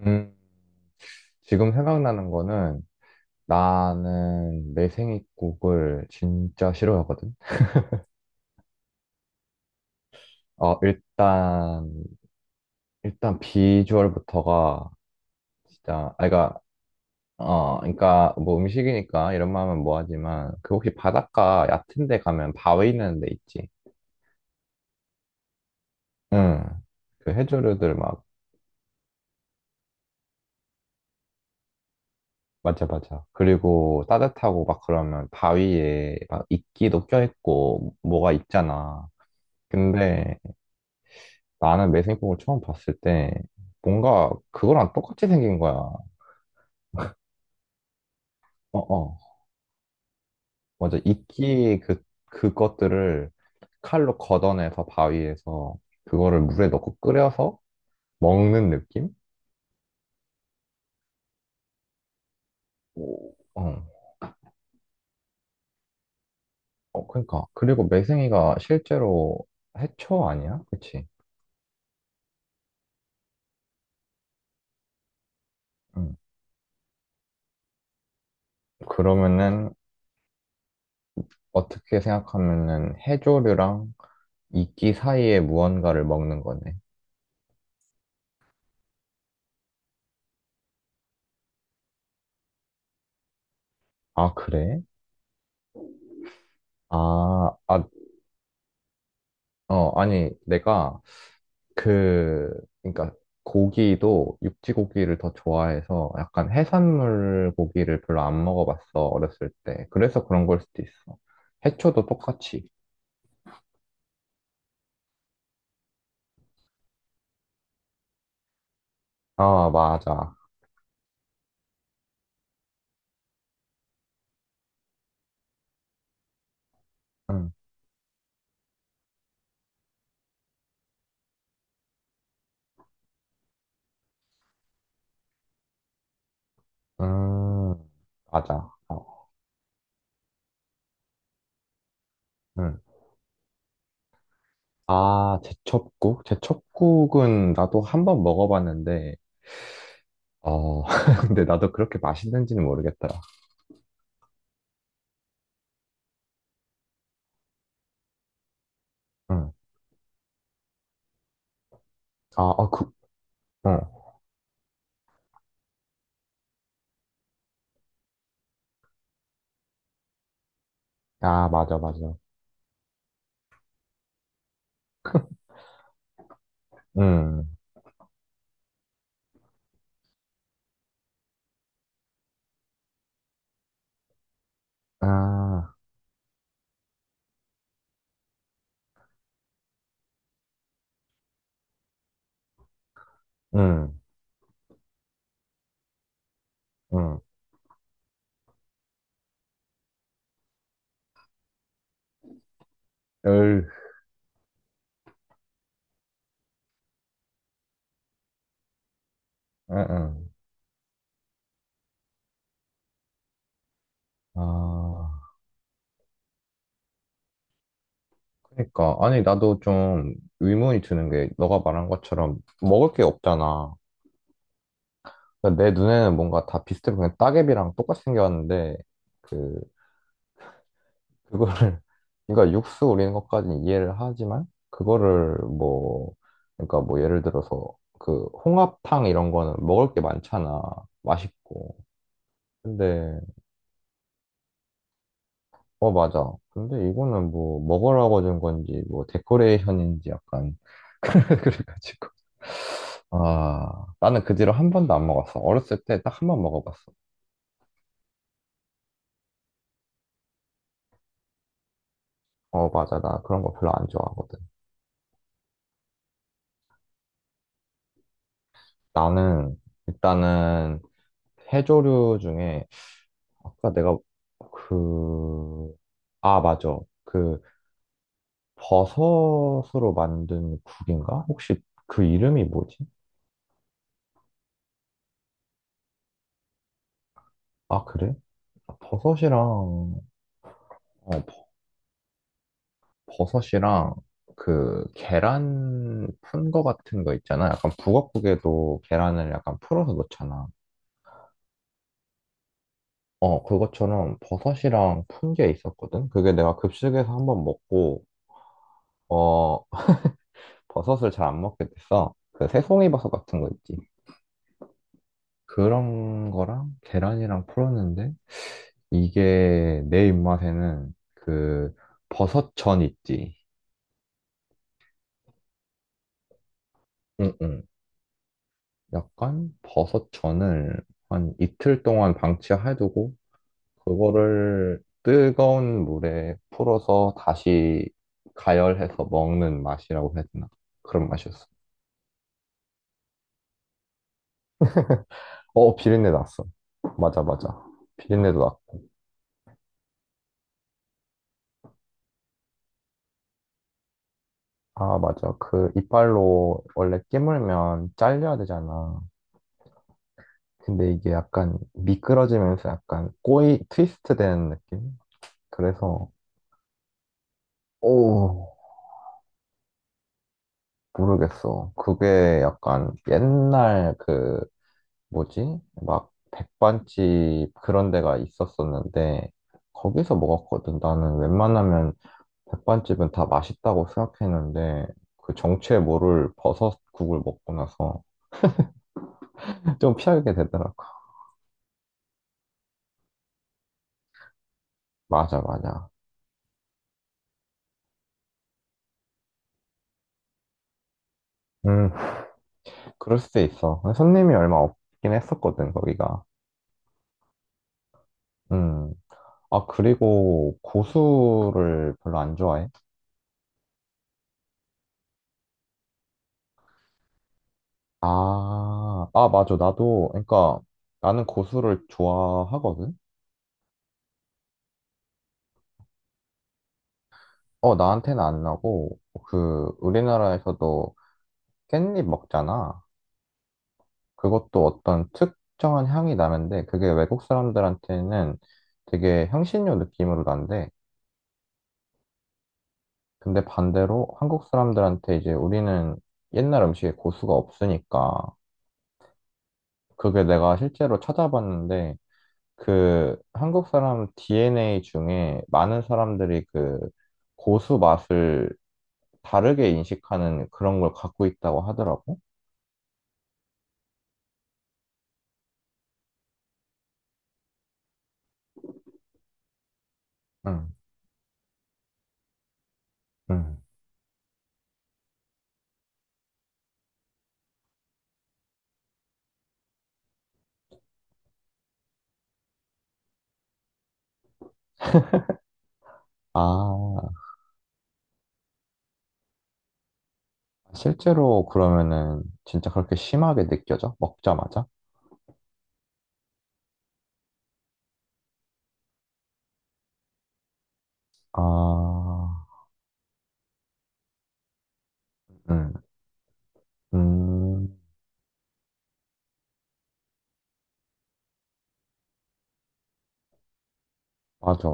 음, 지금 생각나는 거는 나는 내생이국을 진짜 싫어하거든. 어, 일단, 일단 비주얼부터가 진짜, 아, 어, 그니까 뭐 음식이니까 이런 말 하면 뭐하지만 그 혹시 바닷가 얕은 데 가면 바위 있는 데 있지? 응. 그 해조류들 막, 맞아, 맞아. 그리고 따뜻하고 막 그러면 바위에 막 이끼도 껴있고 뭐가 있잖아. 근데 나는 매생이국을 처음 봤을 때 뭔가 그거랑 똑같이 생긴 거야. 어, 어. 맞아. 이끼 그, 그것들을 칼로 걷어내서 바위에서 그거를 물에 넣고 끓여서 먹는 느낌? 오, 어. 어, 그러니까. 그리고 매생이가 실제로 해초 아니야? 그치? 응. 그러면은 어떻게 생각하면은 해조류랑 이끼 사이에 무언가를 먹는 거네. 아, 그래? 아, 아, 어, 아니, 내가 그, 그러니까 고기도 육지 고기를 더 좋아해서 약간 해산물 고기를 별로 안 먹어봤어, 어렸을 때. 그래서 그런 걸 수도 있어. 해초도 똑같이. 아, 맞아. 응, 음, 맞아. 어, 응. 아, 제첩국? 제첩국은 나도 한번 먹어봤는데, 어, 근데 나도 그렇게 맛있는지는 모르겠더라. 응. 아, 아, 그, 응. 아, 맞아, 맞아. 응. 아, 응, 응. 응, 응. 아, 그러니까. 아니, 나도 좀 의문이 드는 게, 너가 말한 것처럼 먹을 게 없잖아. 그러니까 내 눈에는 뭔가 다 비슷해. 그냥 따개비랑 똑같이 생겼는데, 그, 그거를, 그러니까 육수 우리는 것까지는 이해를 하지만, 그거를 뭐, 그러니까 뭐 예를 들어서, 그, 홍합탕 이런 거는 먹을 게 많잖아. 맛있고. 근데 어, 맞아. 근데 이거는 뭐 먹으라고 준 건지 뭐 데코레이션인지 약간 그래가지고 아 나는 그 뒤로 한 번도 안 먹었어. 어렸을 때 딱 한 번 먹어봤어. 어, 맞아. 나 그런 거 별로 안 좋아하거든. 나는 일단은 해조류 중에 아까 내가 그 아, 맞아. 그 버섯으로 만든 국인가? 혹시 그 이름이 뭐지? 아, 그래? 버섯이랑 어, 버섯이랑 그 계란 푼 거 같은 거 있잖아. 약간 북엇국에도 계란을 약간 풀어서 넣잖아. 어, 그것처럼 버섯이랑 푼 게 있었거든. 그게 내가 급식에서 한번 먹고, 어, 버섯을 잘 안 먹게 됐어. 그 새송이 버섯 같은 거 있지. 그런 거랑 계란이랑 풀었는데, 이게 내 입맛에는 그 버섯전 있지. 응, 응. 약간 버섯전을 한 이틀 동안 방치해두고 그거를 뜨거운 물에 풀어서 다시 가열해서 먹는 맛이라고 해야 되나? 그런 맛이었어. 어, 비린내 났어. 맞아, 맞아. 비린내도 났고. 아, 맞아. 그 이빨로 원래 깨물면 잘려야 되잖아. 근데 이게 약간 미끄러지면서 약간 꼬이, 트위스트 되는 느낌? 그래서, 오, 모르겠어. 그게 약간 옛날 그 뭐지? 막 백반집 그런 데가 있었었는데 거기서 먹었거든. 나는 웬만하면 백반집은 다 맛있다고 생각했는데 그 정체 모를 버섯국을 먹고 나서 좀 피하게 되더라고. 맞아, 맞아. 음, 그럴 수도 있어. 손님이 얼마 없긴 했었거든, 거기가. 음. 아, 그리고 고수를 별로 안 좋아해? 아, 아, 맞아. 나도, 그러니까 나는 고수를 좋아하거든. 어, 나한테는 안 나고, 그, 우리나라에서도 깻잎 먹잖아. 그것도 어떤 특정한 향이 나는데, 그게 외국 사람들한테는 되게 향신료 느낌으로 난대. 근데 반대로 한국 사람들한테 이제 우리는 옛날 음식에 고수가 없으니까, 그게 내가 실제로 찾아봤는데, 그 한국 사람 DNA 중에 많은 사람들이 그 고수 맛을 다르게 인식하는 그런 걸 갖고 있다고 하더라고. 응. 응. 아, 실제로 그러면은 진짜 그렇게 심하게 느껴져? 먹자마자? 아, 음, 음, 맞아.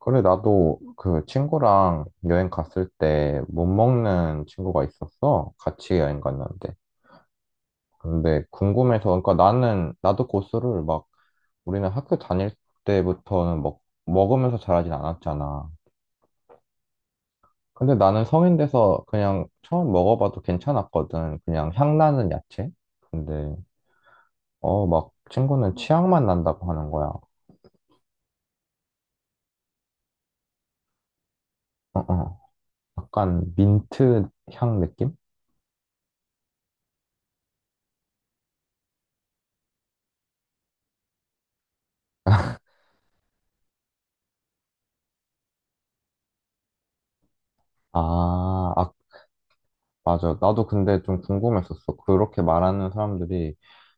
그래, 나도 그 친구랑 여행 갔을 때 못 먹는 친구가 있었어. 같이 여행 갔는데. 근데 궁금해서, 그러니까 나는, 나도 고수를 막, 우리는 학교 다닐 때부터는 먹, 먹으면서 자라진 않았잖아. 근데 나는 성인 돼서 그냥 처음 먹어봐도 괜찮았거든. 그냥 향 나는 야채? 근데 어, 막 친구는 치약만 난다고 하는 거야. 어, 어. 약간 민트 향 느낌? 아, 아, 맞아. 나도 근데 좀 궁금했었어. 그렇게 말하는 사람들이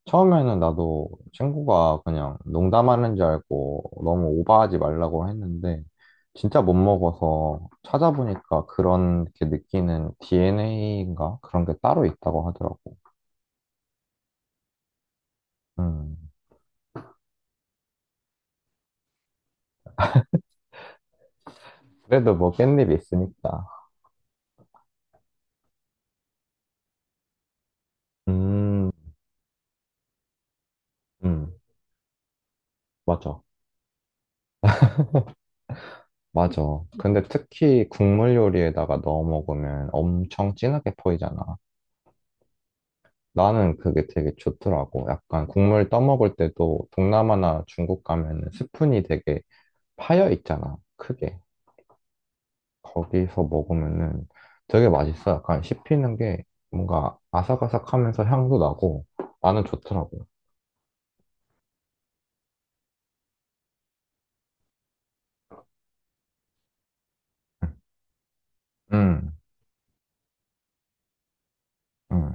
처음에는 나도 친구가 그냥 농담하는 줄 알고 너무 오버하지 말라고 했는데 진짜 못 먹어서 찾아보니까 그런 게 느끼는 DNA인가? 그런 게 따로 있다고 하더라고. 음. 그래도 뭐 깻잎이 있으니까. 음, 음, 맞아. 맞아. 근데 특히 국물 요리에다가 넣어 먹으면 엄청 진하게 포이잖아. 나는 그게 되게 좋더라고. 약간 국물 떠먹을 때도 동남아나 중국 가면은 스푼이 되게 파여 있잖아. 크게. 거기서 먹으면은 되게 맛있어. 약간 씹히는 게 뭔가 아삭아삭하면서 향도 나고 나는 좋더라고. 응, 응. 응.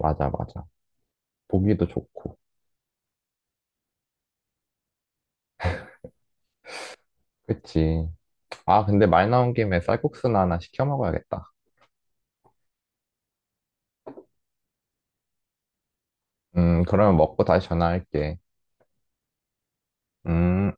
맞아, 맞아. 보기도 좋고. 그치. 아, 근데 말 나온 김에 쌀국수나 하나 시켜 먹어야겠다. 그러면 먹고 다시 전화할게. 음.